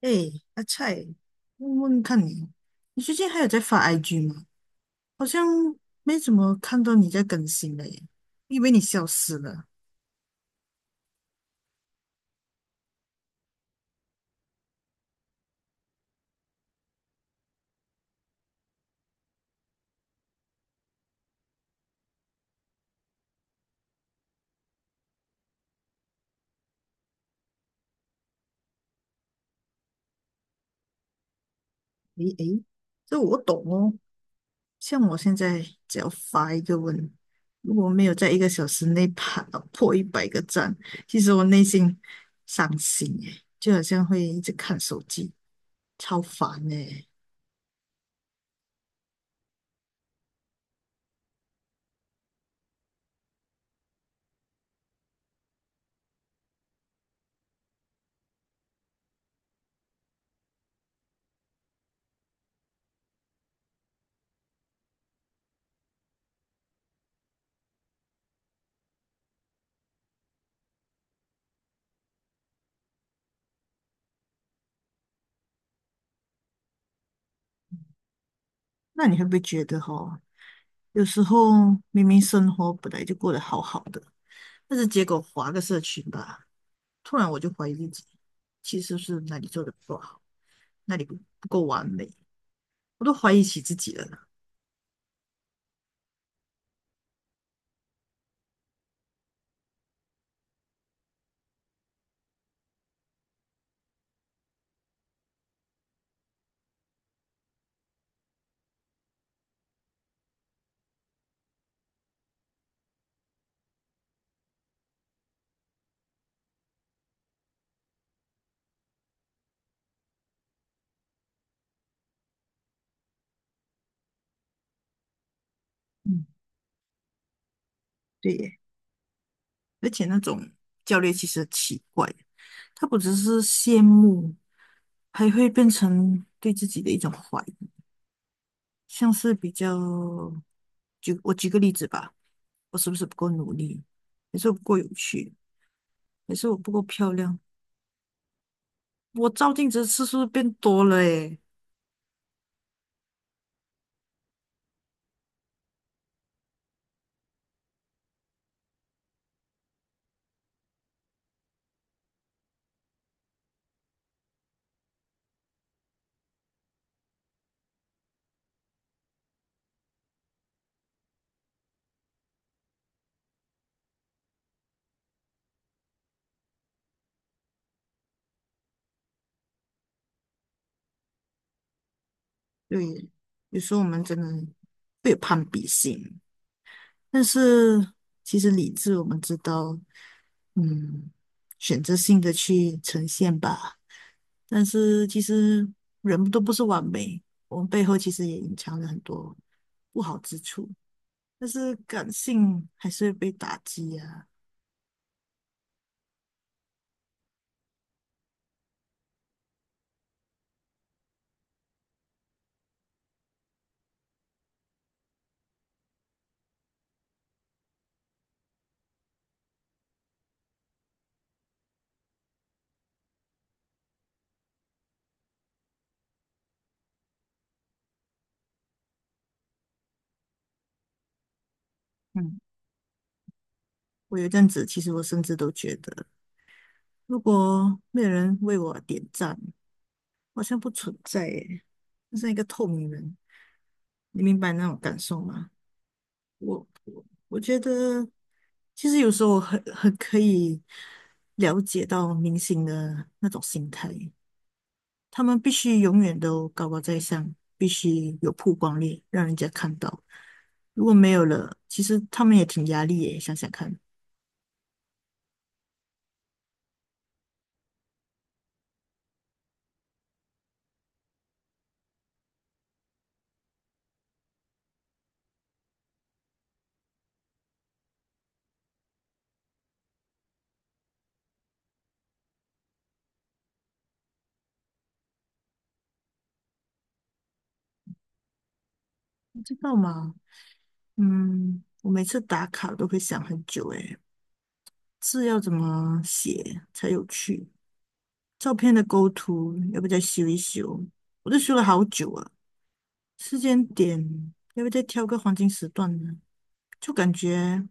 哎，阿菜，问问看你，你最近还有在发 IG 吗？好像没怎么看到你在更新了耶，以为你消失了。诶诶，这我懂哦。像我现在只要发一个问，如果没有在1个小时内爬到破100个赞，其实我内心伤心耶，就好像会一直看手机，超烦耶。那你会不会觉得哦，有时候明明生活本来就过得好好的？但是结果划个社群吧，突然我就怀疑自己，其实是哪里做的不够好，哪里不够完美，我都怀疑起自己了呢。嗯，对耶，而且那种教练其实很奇怪，他不只是羡慕，还会变成对自己的一种怀疑，像是比较，我举个例子吧，我是不是不够努力，还是我不够有趣，还是我不够漂亮，我照镜子的次数变多了诶。对，有时候我们真的会有攀比心，但是其实理智我们知道，嗯，选择性的去呈现吧。但是其实人都不是完美，我们背后其实也隐藏了很多不好之处。但是感性还是会被打击啊。嗯，我有一阵子，其实我甚至都觉得，如果没有人为我点赞，好像不存在耶，就像一个透明人，你明白那种感受吗？我觉得，其实有时候我很可以了解到明星的那种心态，他们必须永远都高高在上，必须有曝光率，让人家看到。如果没有了，其实他们也挺压力耶，想想看，你知道吗？嗯，我每次打卡都会想很久，诶，字要怎么写才有趣？照片的构图要不要再修一修？我都修了好久啊。时间点要不要再挑个黄金时段呢？就感觉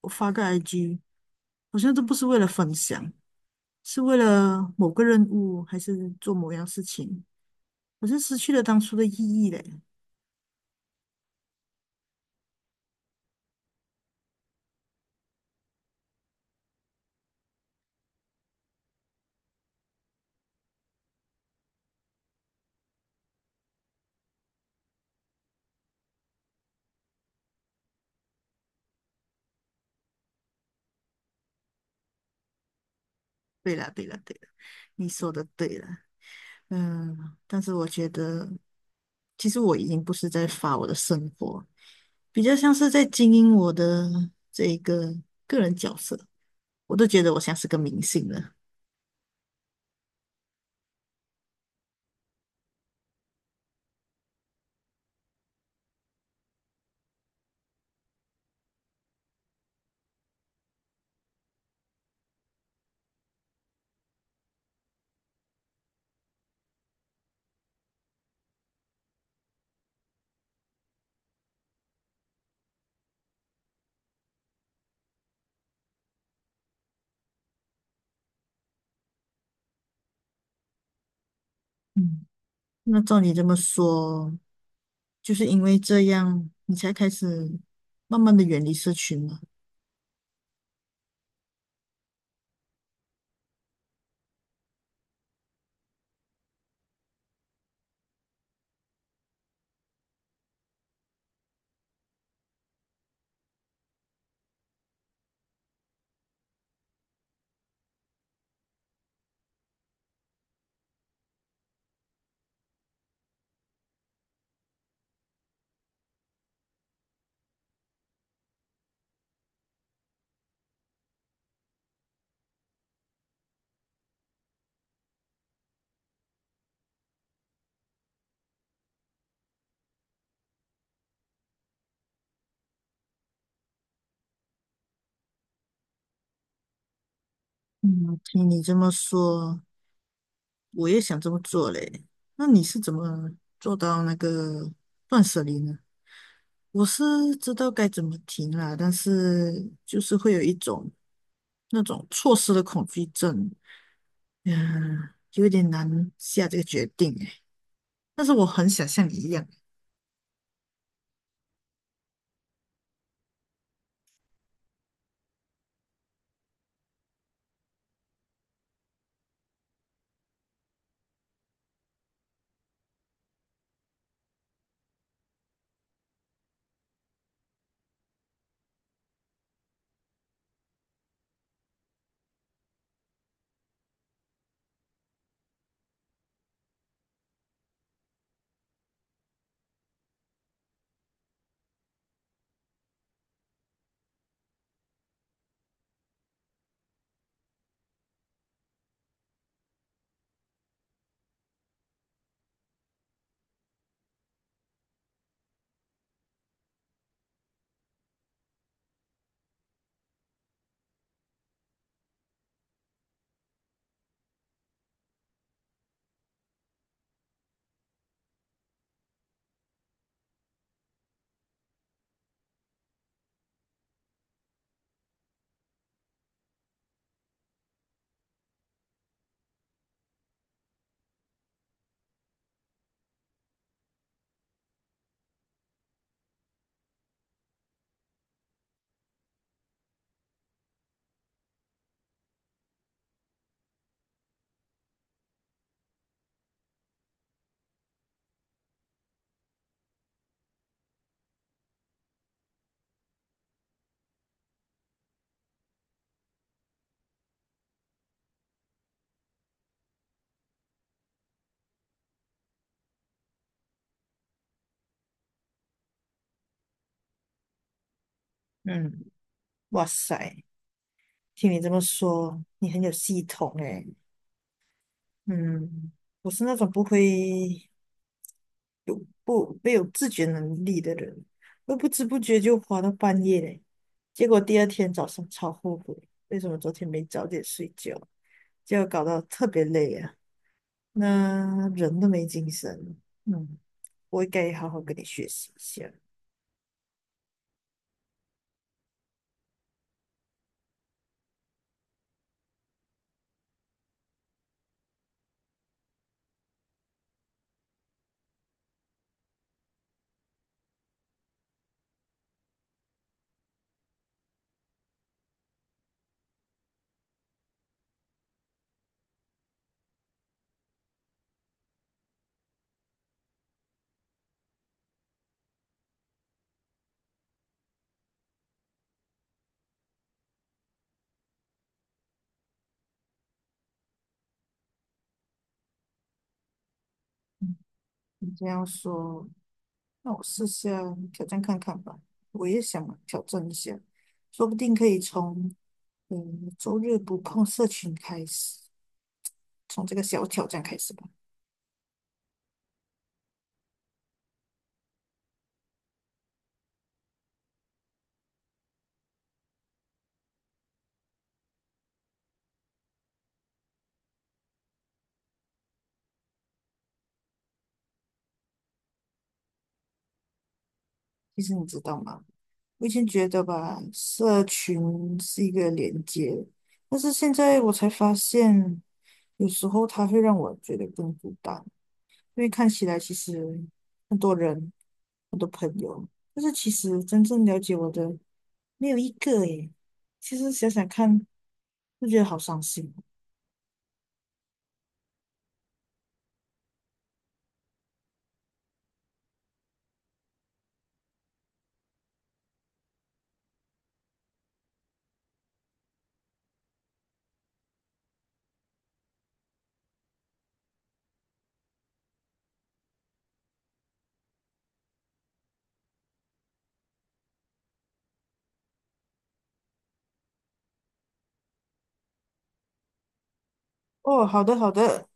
我发个 IG 好像都不是为了分享，是为了某个任务，还是做某样事情，好像失去了当初的意义嘞。对了，对了，对了，你说的对了。嗯，但是我觉得，其实我已经不是在发我的生活，比较像是在经营我的这一个个人角色。我都觉得我像是个明星了。嗯，那照你这么说，就是因为这样，你才开始慢慢的远离社群嘛？嗯，听你这么说，我也想这么做嘞。那你是怎么做到那个断舍离呢？我是知道该怎么停啦，但是就是会有一种那种错失的恐惧症，嗯，有点难下这个决定诶。但是我很想像你一样，嗯，哇塞。听你这么说，你很有系统诶。嗯，我是那种不会有不没有自觉能力的人，会不知不觉就花到半夜嘞。结果第二天早上超后悔，为什么昨天没早点睡觉，结果搞到特别累啊，那人都没精神。嗯，我应该好好跟你学习一下。你这样说，那我试下挑战看看吧，我也想挑战一下，说不定可以从嗯周日不碰社群开始，从这个小挑战开始吧。其实你知道吗？我以前觉得吧，社群是一个连接，但是现在我才发现，有时候它会让我觉得更孤单，因为看起来其实很多人、很多朋友，但是其实真正了解我的。没有一个诶。其实想想看，就觉得好伤心。哦，好的好的，